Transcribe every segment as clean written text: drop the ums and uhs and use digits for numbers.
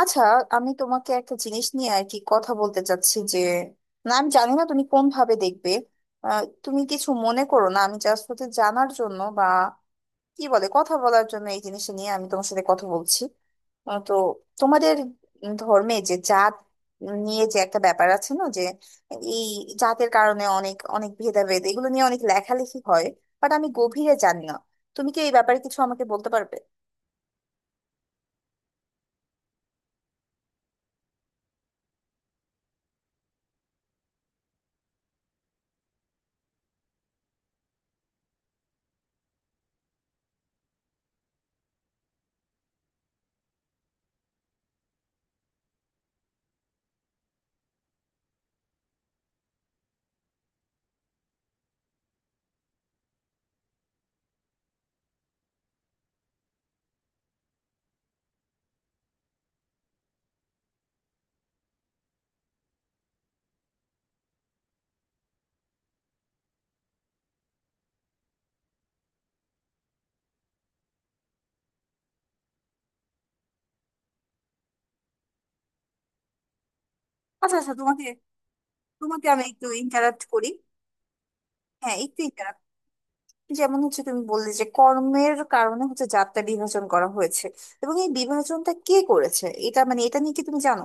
আচ্ছা, আমি তোমাকে একটা জিনিস নিয়ে আর কি কথা বলতে চাচ্ছি যে, না আমি জানি না তুমি কোন ভাবে দেখবে। তুমি কিছু মনে করো না, আমি জাস্ট হচ্ছে জানার জন্য বা কি বলে কথা বলার জন্য এই জিনিসটা নিয়ে আমি তোমার সাথে কথা বলছি। তো তোমাদের ধর্মে যে জাত নিয়ে যে একটা ব্যাপার আছে না, যে এই জাতের কারণে অনেক অনেক ভেদাভেদ, এগুলো নিয়ে অনেক লেখালেখি হয়, বাট আমি গভীরে জানি না। তুমি কি এই ব্যাপারে কিছু আমাকে বলতে পারবে? আচ্ছা আচ্ছা, তোমাকে তোমাকে আমি একটু ইন্টারাপ্ট করি। হ্যাঁ একটু এটা, যেমন হচ্ছে তুমি বললে যে কর্মের কারণে হচ্ছে যাত্রা বিভাজন করা হয়েছে, এবং এই বিভাজনটা কে করেছে, এটা মানে এটা নিয়ে কি তুমি জানো?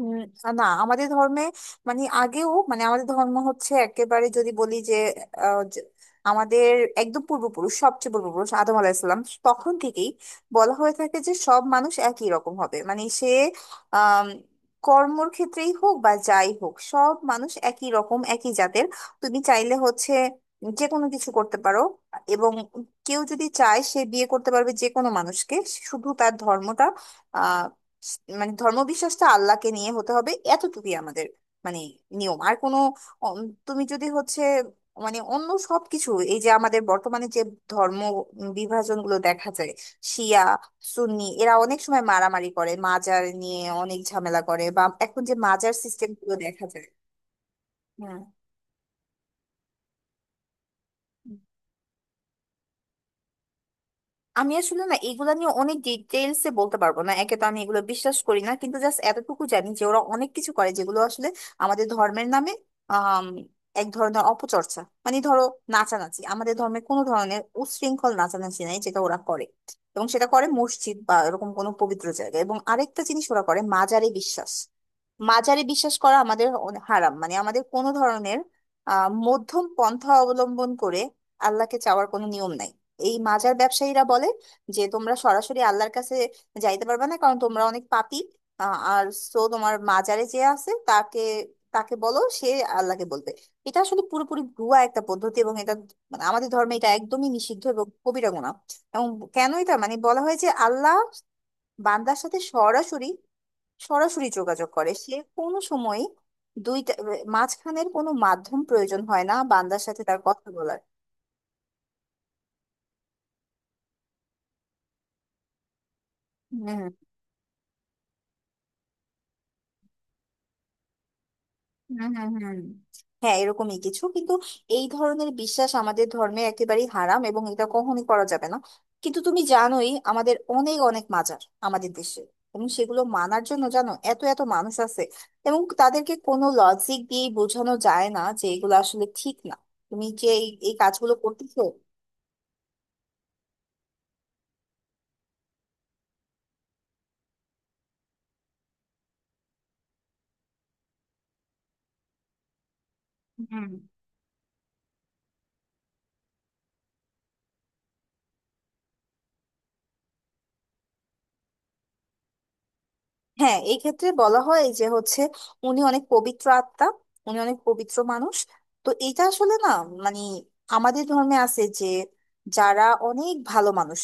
উম, না আমাদের ধর্মে, মানে আগেও, মানে আমাদের ধর্ম হচ্ছে একেবারে যদি বলি যে আহ, যে আমাদের একদম পূর্বপুরুষ, সবচেয়ে পূর্বপুরুষ আদম আলাহিসাল্লাম, তখন থেকেই বলা হয়ে থাকে যে সব মানুষ একই রকম হবে, মানে সে আহ কর্মর ক্ষেত্রেই হোক বা যাই হোক সব মানুষ একই রকম, একই জাতের। তুমি চাইলে হচ্ছে যে কোনো কিছু করতে পারো, এবং কেউ যদি চায় সে বিয়ে করতে পারবে যে কোনো মানুষকে, শুধু তার ধর্মটা মানে ধর্মবিশ্বাসটা আল্লাহকে নিয়ে হতে হবে, এতটুকুই আমাদের মানে নিয়ম, আর কোনো অম, তুমি যদি হচ্ছে, মানে অন্য সবকিছু এই যে আমাদের বর্তমানে যে ধর্ম বিভাজন গুলো দেখা যায়, শিয়া সুন্নি, এরা অনেক সময় মারামারি করে, মাজার নিয়ে অনেক ঝামেলা করে, বা এখন যে মাজার সিস্টেম গুলো দেখা যায়। হ্যাঁ, আমি আসলে না এগুলা নিয়ে অনেক ডিটেলস এ বলতে পারবো না, একে তো আমি এগুলো বিশ্বাস করি না, কিন্তু জাস্ট এতটুকু জানি যে ওরা অনেক কিছু করে যেগুলো আসলে আমাদের ধর্মের নামে আম, এক ধরনের অপচর্চা। মানে ধরো, নাচানাচি আমাদের ধর্মে কোনো ধরনের উচ্ছৃঙ্খল নাচানাচি নাই, যেটা ওরা করে এবং সেটা করে মসজিদ বা এরকম কোনো পবিত্র জায়গায়। এবং আরেকটা জিনিস ওরা করে, মাজারে বিশ্বাস। মাজারে বিশ্বাস করা আমাদের হারাম, মানে আমাদের কোনো ধরনের মধ্যম পন্থা অবলম্বন করে আল্লাহকে চাওয়ার কোনো নিয়ম নাই। এই মাজার ব্যবসায়ীরা বলে যে তোমরা সরাসরি আল্লাহর কাছে যাইতে পারবে না, কারণ তোমরা অনেক পাপী। আ- আর সো তোমার মাজারে যে আছে তাকে, তাকে বলো, সে আল্লাহকে বলবে। এটা আসলে পুরোপুরি ভুয়া একটা পদ্ধতি, এবং এটা মানে আমাদের ধর্মে এটা একদমই নিষিদ্ধ এবং কবিরা গুনাহ। এবং কেন এটা, মানে বলা হয় যে আল্লাহ বান্দার সাথে সরাসরি সরাসরি যোগাযোগ করে, সে কোনো সময় দুইটা মাঝখানের কোনো মাধ্যম প্রয়োজন হয় না বান্দার সাথে তার কথা বলার। হম, হুম হুম হুম হ্যাঁ এরকমই কিছু, কিন্তু এই ধরনের বিশ্বাস আমাদের ধর্মে একেবারেই হারাম এবং এটা কখনই করা যাবে না। কিন্তু তুমি জানোই আমাদের অনেক অনেক মাজার আমাদের দেশে, এবং সেগুলো মানার জন্য জানো এত এত মানুষ আছে, এবং তাদেরকে কোনো লজিক দিয়ে বোঝানো যায় না যে এগুলো আসলে ঠিক না, তুমি যে এই এই কাজগুলো করতেছো। হ্যাঁ এই ক্ষেত্রে বলা হয় যে হচ্ছে উনি অনেক পবিত্র আত্মা, উনি অনেক পবিত্র মানুষ। তো এটা আসলে না, মানে আমাদের ধর্মে আছে যে যারা অনেক ভালো মানুষ,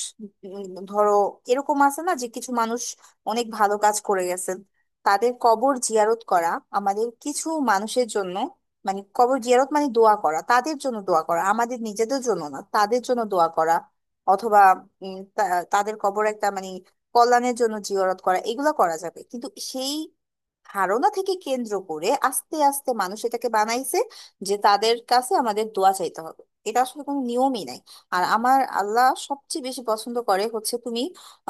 উম, ধরো এরকম আছে না যে কিছু মানুষ অনেক ভালো কাজ করে গেছেন, তাদের কবর জিয়ারত করা আমাদের কিছু মানুষের জন্য, মানে কবর জিয়ারত মানে দোয়া করা, তাদের জন্য দোয়া করা, আমাদের নিজেদের জন্য না, তাদের জন্য দোয়া করা, অথবা তাদের কবর একটা মানে কল্যাণের জন্য জিয়ারত করা, এগুলা করা যাবে। কিন্তু সেই ধারণা থেকে কেন্দ্র করে আস্তে আস্তে মানুষ এটাকে বানাইছে যে তাদের কাছে আমাদের দোয়া চাইতে হবে, এটা আসলে কোনো নিয়মই নাই। আর আমার আল্লাহ সবচেয়ে বেশি পছন্দ করে হচ্ছে তুমি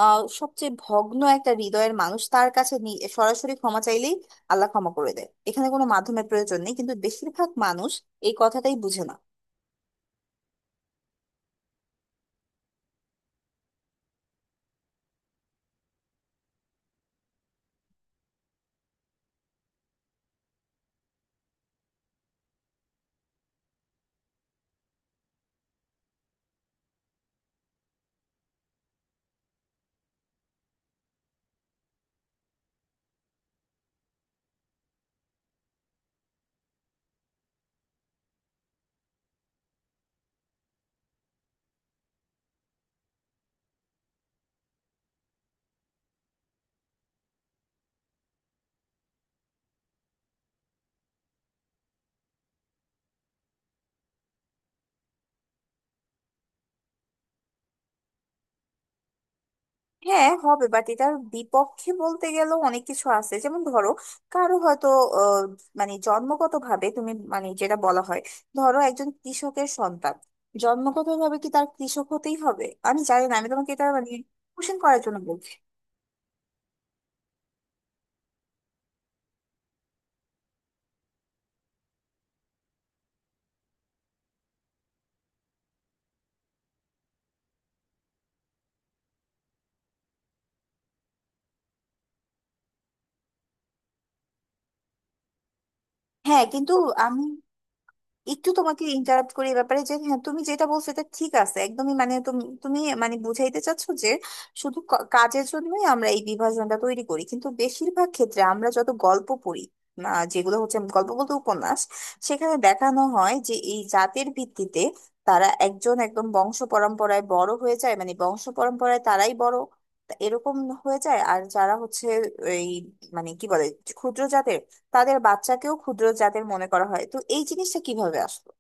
সবচেয়ে ভগ্ন একটা হৃদয়ের মানুষ তার কাছে সরাসরি ক্ষমা চাইলেই আল্লাহ ক্ষমা করে দেয়, এখানে কোনো মাধ্যমের প্রয়োজন নেই, কিন্তু বেশিরভাগ মানুষ এই কথাটাই বুঝে না। হ্যাঁ হবে, বাট এটার বিপক্ষে বলতে গেলেও অনেক কিছু আছে। যেমন ধরো, কারো হয়তো আহ, মানে জন্মগত ভাবে তুমি মানে যেটা বলা হয়, ধরো একজন কৃষকের সন্তান, জন্মগত ভাবে কি তার কৃষক হতেই হবে? আমি জানি না, আমি তোমাকে এটা মানে কোশ্চেন করার জন্য বলছি। হ্যাঁ কিন্তু আমি একটু তোমাকে ইন্টারাপ্ট করি এই ব্যাপারে যে, হ্যাঁ তুমি যেটা বলছো এটা ঠিক আছে একদমই, মানে তুমি তুমি মানে বুঝাইতে চাচ্ছো যে শুধু কাজের জন্যই আমরা এই বিভাজনটা তৈরি করি। কিন্তু বেশিরভাগ ক্ষেত্রে আমরা যত গল্প পড়ি, যেগুলো হচ্ছে গল্প বলতে উপন্যাস, সেখানে দেখানো হয় যে এই জাতের ভিত্তিতে তারা একজন একদম বংশ পরম্পরায় বড় হয়ে যায়, মানে বংশ পরম্পরায় তারাই বড় তা এরকম হয়ে যায়। আর যারা হচ্ছে এই মানে কি বলে ক্ষুদ্র জাতের, তাদের বাচ্চাকেও ক্ষুদ্র জাতের মনে করা হয়। তো এই জিনিসটা কিভাবে আসলো?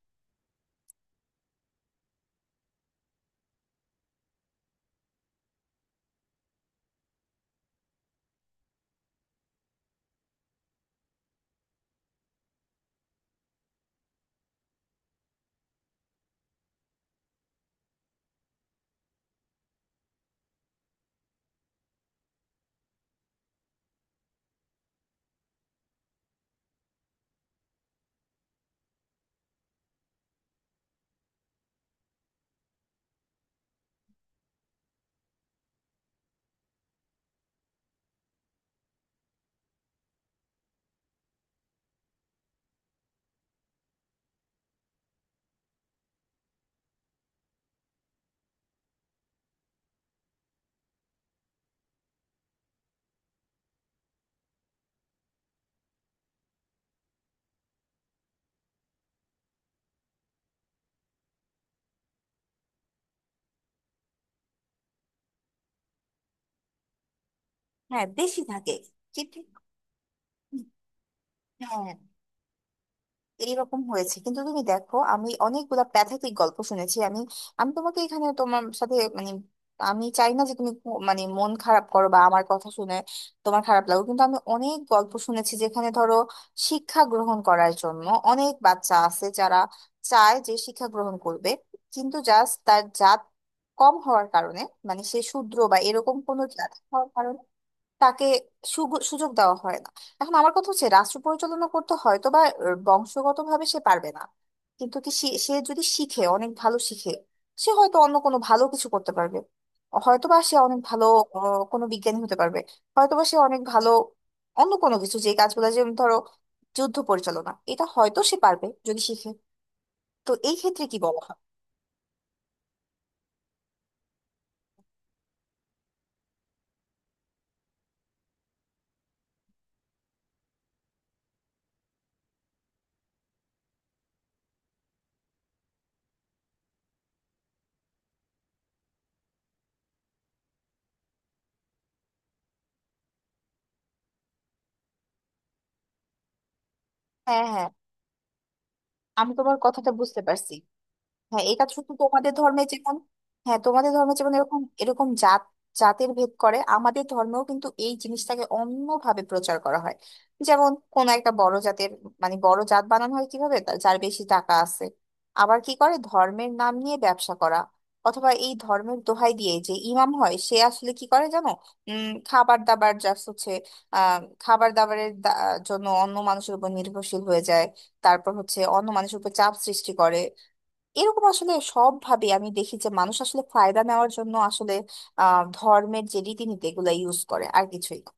হ্যাঁ দেশি থাকে। ঠিক ঠিক। হ্যাঁ এইরকম হয়েছে, কিন্তু তুমি দেখো আমি অনেকগুলা প্যাথেটিক গল্প শুনেছি। আমি আমি তোমাকে এখানে তোমার সাথে মানে, আমি চাই না যে তুমি মানে মন খারাপ করো বা আমার কথা শুনে তোমার খারাপ লাগো, কিন্তু আমি অনেক গল্প শুনেছি যেখানে ধরো শিক্ষা গ্রহণ করার জন্য অনেক বাচ্চা আছে যারা চায় যে শিক্ষা গ্রহণ করবে, কিন্তু জাস্ট তার জাত কম হওয়ার কারণে, মানে সে শূদ্র বা এরকম কোনো জাত হওয়ার কারণে, তাকে সুযোগ দেওয়া হয় না। এখন আমার কথা হচ্ছে রাষ্ট্র পরিচালনা করতে হয়তো বা বংশগতভাবে সে পারবে না, কিন্তু কি সে, সে যদি শিখে, অনেক ভালো শিখে, সে হয়তো অন্য কোনো ভালো কিছু করতে পারবে। হয়তোবা সে অনেক ভালো কোনো বিজ্ঞানী হতে পারবে, হয়তোবা সে অনেক ভালো অন্য কোনো কিছু, যে কাজগুলো যেমন ধরো যুদ্ধ পরিচালনা, এটা হয়তো সে পারবে যদি শিখে। তো এই ক্ষেত্রে কি বলা হয়? হ্যাঁ হ্যাঁ, আমি তোমার কথাটা বুঝতে পারছি। হ্যাঁ এটা শুধু তোমাদের ধর্মে যেমন, হ্যাঁ তোমাদের ধর্মে যেমন এরকম এরকম জাত জাতের ভেদ করে, আমাদের ধর্মেও কিন্তু এই জিনিসটাকে অন্যভাবে প্রচার করা হয়। যেমন কোন একটা বড় জাতের, মানে বড় জাত বানানো হয় কিভাবে, যার বেশি টাকা আছে, আবার কি করে ধর্মের নাম নিয়ে ব্যবসা করা, অথবা এই ধর্মের দোহাই দিয়ে যে ইমাম হয় সে আসলে কি করে জানো, খাবার দাবার জাস্ট হচ্ছে খাবার দাবারের জন্য অন্য মানুষের উপর নির্ভরশীল হয়ে যায়, তারপর হচ্ছে অন্য মানুষের উপর চাপ সৃষ্টি করে। এরকম আসলে সব ভাবে আমি দেখি যে মানুষ আসলে ফায়দা নেওয়ার জন্য আসলে ধর্মের যে রীতিনীতি এগুলা ইউজ করে, আর কিছুই না।